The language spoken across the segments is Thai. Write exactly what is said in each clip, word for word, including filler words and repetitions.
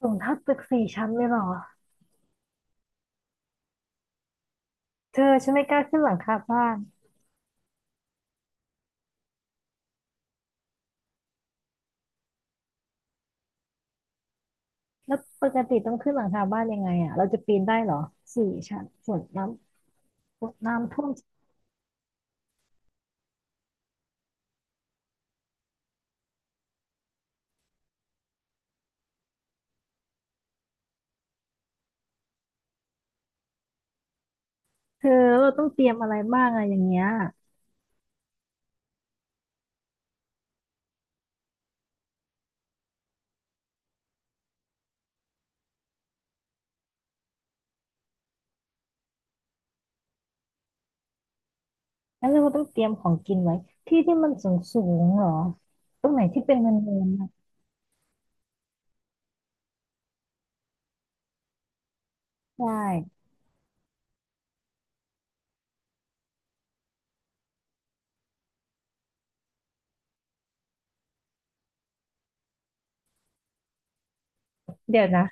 สูงเท่าตึกสี่ชั้นเลยเหรอเธอฉันไม่กล้าขึ้นหลังคาบ้านแล้วปกติต้องขึ้นหลังคาบ้านยังไงอ่ะเราจะปีนได้เหรอสี่ชั้นฝนน้ำน้ำท่วมเธอเราต้องเตรียมอะไรบ้างอะอย่างเงี้ยแล้วเราต้องเตรียมของกินไว้ที่ที่มันสูงสูงเหรอตรงไหนที่เป็นเนินๆนะใช่เดี๋ยวนะ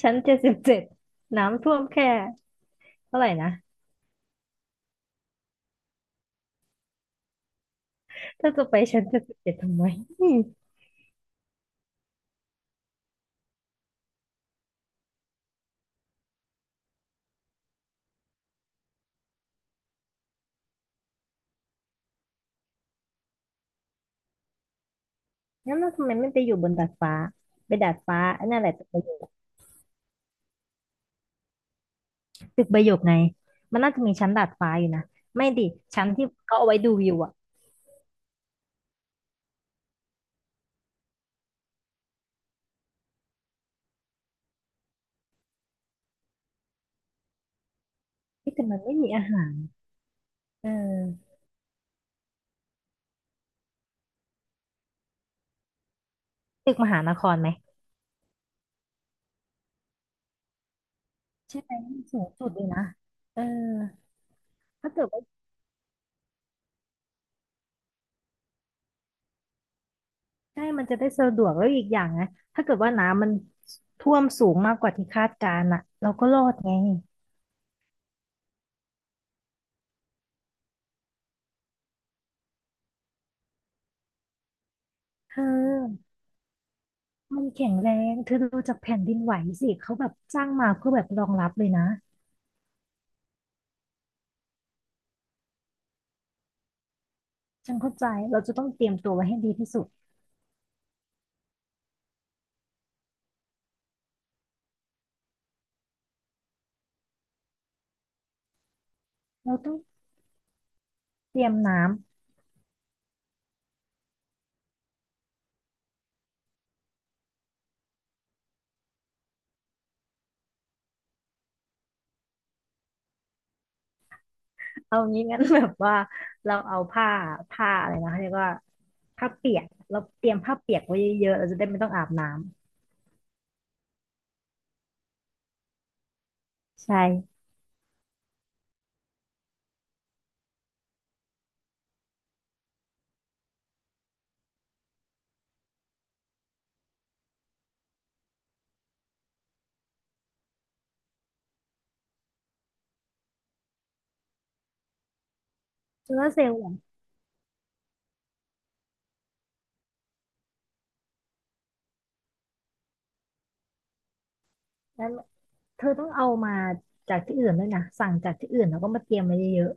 ชั้นเจ็ดสิบเจ็ดน้ำท่วมแค่เท่าไหร่นะถ้าจะไปชั้นเจ็ดสิบเจ็ดทำไมงั้นเราทำไมไม่ไปอยู่บนดาดฟ้าไปดาดฟ้าอันนั่นแหละจะไป ตึกใบหยกไง มันน่าจะมีชั้นดาดฟ้าอยู่นะ ไม่ดิชั้นที่เขาเอาไว้ดูวิวอ่ะที่แต่มันไม่มีอาหารเออตึกมหานครไหม ใช่ไหมสูงสุดเลยนะเออถ้าเกิดว่าใช่มันจะได้สะดวกแล้วอีกอย่างนะถ้าเกิดว่าน้ำมันท่วมสูงมากกว่าที่คาดการณ์อ่ะเราก็รอดไงเธอมันแข็งแรงเธอดูจากแผ่นดินไหวสิ เขาแบบสร้างมาเพื่อแบบรองรับเลยนะฉันเข้าใจเราจะต้องเตรียมตัวไว้ให้ดีที่สุดเราต้องเตรียมน้ำ เอางี้งั้นแบบว่าเราเอาผ้าผ้าอะไรนะเขาเรียกว่าผ้าเปียกเราเตรียมผ้าเปียกไว้เยอะๆเราจะได้ไม่ต้องอาบน้ำใช่โซลาร์เซลล์อย่างนั้นเธอต้องเอามาจากที่อื่นด้วยนะสั่งจากที่อื่นแล้วก็มาเตรียมไว้เยอะ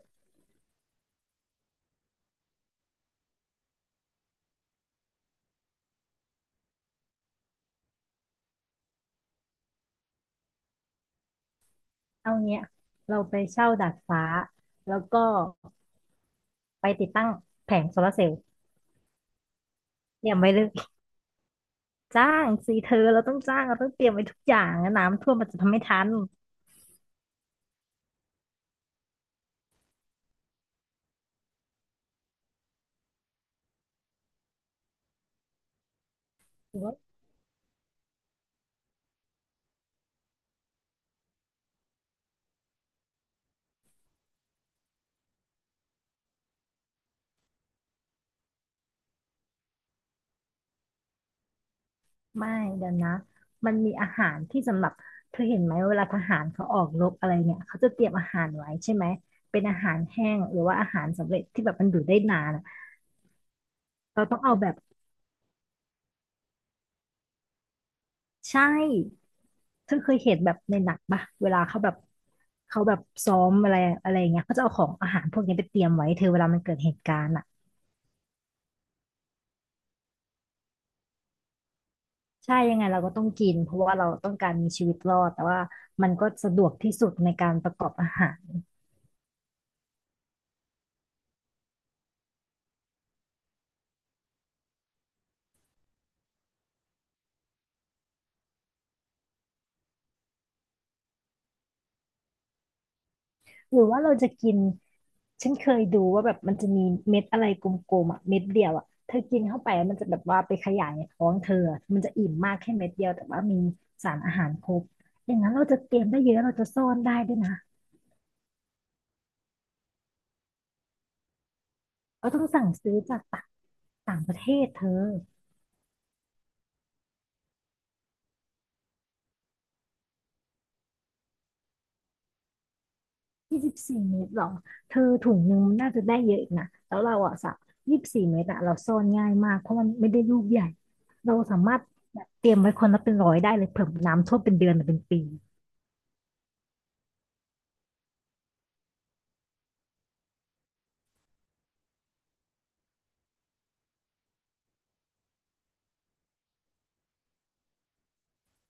ๆเอาเงี้ยเราไปเช่าดาดฟ้าแล้วก็ไปติดตั้งแผงโซลาร์เซลล์เตรียมไว้เลย จ้างสิเธอเราต้องจ้างเราต้องเตรียมไว้ทุกอย่างนะน้ำท่วมมันจะทำไม่ทัน ไม่เดี๋ยวนะ มันมีอาหารที่สำหรับเธอเห็นไหมเวลาทหารเขาออกรบอะไรเนี่ยเขาจะเตรียมอาหารไว้ใช่ไหมเป็นอาหารแห้งหรือว่าอาหารสำเร็จที่แบบมันอยู่ได้นานอะเราต้องเอาแบบใช่เธอเคยเห็นแบบในหนังปะเวลาเขาแบบเขาแบบซ้อมอะไรอะไรอย่างเงี้ยเขาจะเอาของอาหารพวกนี้ไปเตรียมไว้เธอเวลามันเกิดเหตุการณ์อ่ะใช่ยังไงเราก็ต้องกินเพราะว่าเราต้องการมีชีวิตรอดแต่ว่ามันก็สะดวกที่สุดในการประกอบอาหาร หรือว่าเราจะกิน ฉันเคยดูว่าแบบมันจะมีเม็ดอะไรกลมๆอ่ะเม็ดเดียวอ่ะเธอกินเข้าไปแล้วมันจะแบบว่าไปขยายในท้องเธออะมันจะอิ่มมากแค่เม็ดเดียวแต่ว่ามีสารอาหารครบอย่างนั้นเราจะเตรียมได้เยอะเราจะซ่อนได้ด้วยนะเราต้องสั่งซื้อจากต่างต่างประเทศเธอยี่สิบสี่เม็ดหรอเธอถุงนึงน่าจะได้เยอะอีกนะแล้วเราอ่ะสักยี่สิบสี่เม็ดอ่ะเราซ่อนง่ายมากเพราะมันไม่ได้ลูกใหญ่เราสามารถแบบเตรียมไว้คนละเป็นร้อยได้เลยเผื่อน้ำท่วมเป็นเดือนหรือเป็นปี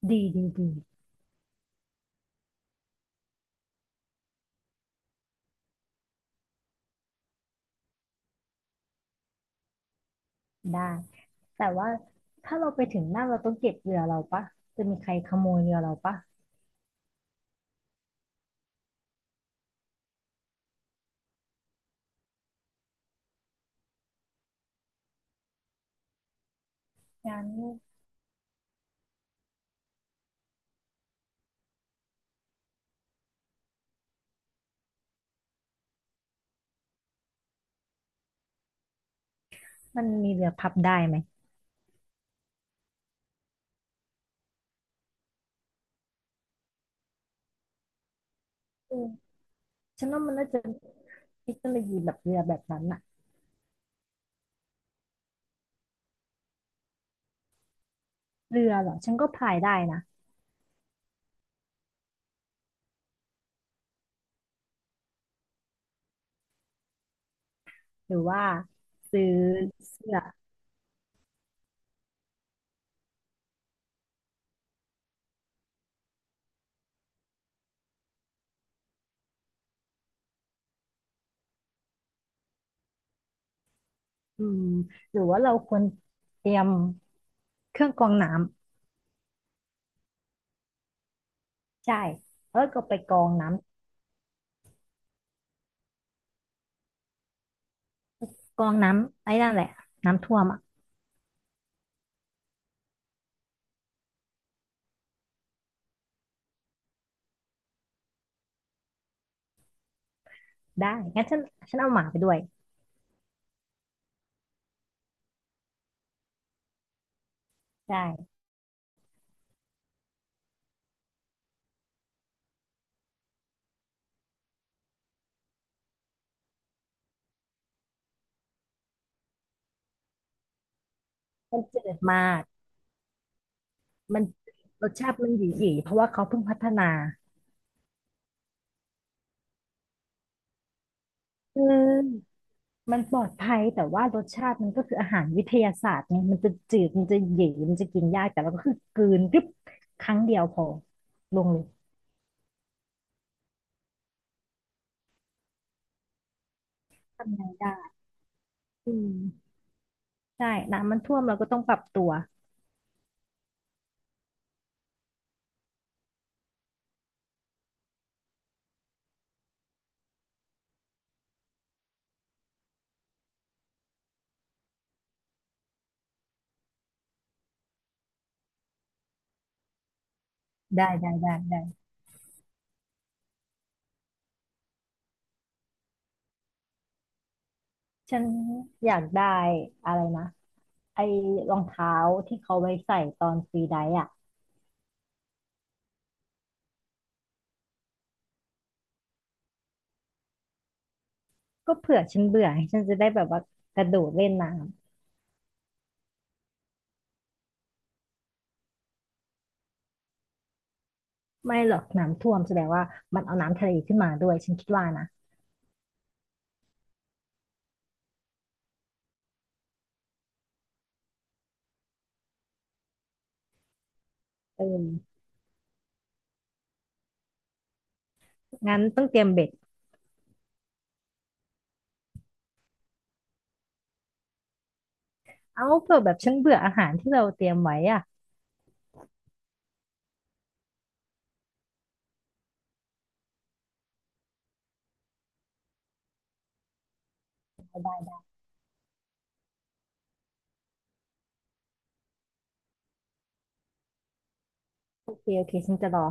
ดีดีดีได้แต่ว่าถ้าเราไปถึงหน้าเราต้องเก็บเรือเราปะจะมีใครขโมยเรือเราปะงั้นมันมีเรือพับได้ไหมเออฉันว่ามันน่าจะเทคโนโลยีแบบเรือแบบนั้นอะเรือเหรอฉันก็พายได้นะหรือว่าซื้อเสื้ออืมหรือว่าเราควรเตรียมเครื่องกรองน้ำใช่แล้วก็ไปกรองน้ำกรองน้ำไอ้นั่นแหละน้ำท่วมอะได้งั้นฉันฉันเอาหมาไปด้วยได้ฉันเจืดมาก มันรสชาติมันหยีๆยเพราะว่าเขาเพิ่งพัฒนาคือมันปลอดภัยแต่ว่ารสชาติมันก็คืออาหารวิทยาศาสตร์ไงมันจะจืดมันจะเหยีมันจะกินยากแต่เราก็คือกลืนกรึบครั้งเดียวพอลงเลยทำไงได้อืมใช่ น้ำมันท่วมเราก็ต้องปรับตัวได้ได้ได้ได้ฉันอยากได้อะไรนะไอ้รองเท้าที่เขาไว้ใส่ตอนฟรีไดฟ์อ่ะก็เผื่อฉันเบื่อให้ฉันจะได้แบบว่ากระโดดเล่นน้ำ ไม่หรอกน้ำท่วมแสดงว่ามันเอาน้ำทะเลขึ้นมาด้วยฉันคิดว่านะเอองั้นต้องเตรียมเบ็ดเอาเผื่อแบบฉันเบื่ออาหารที่เราเตรียมไว้อะโอเคโอเคฉันจะรอ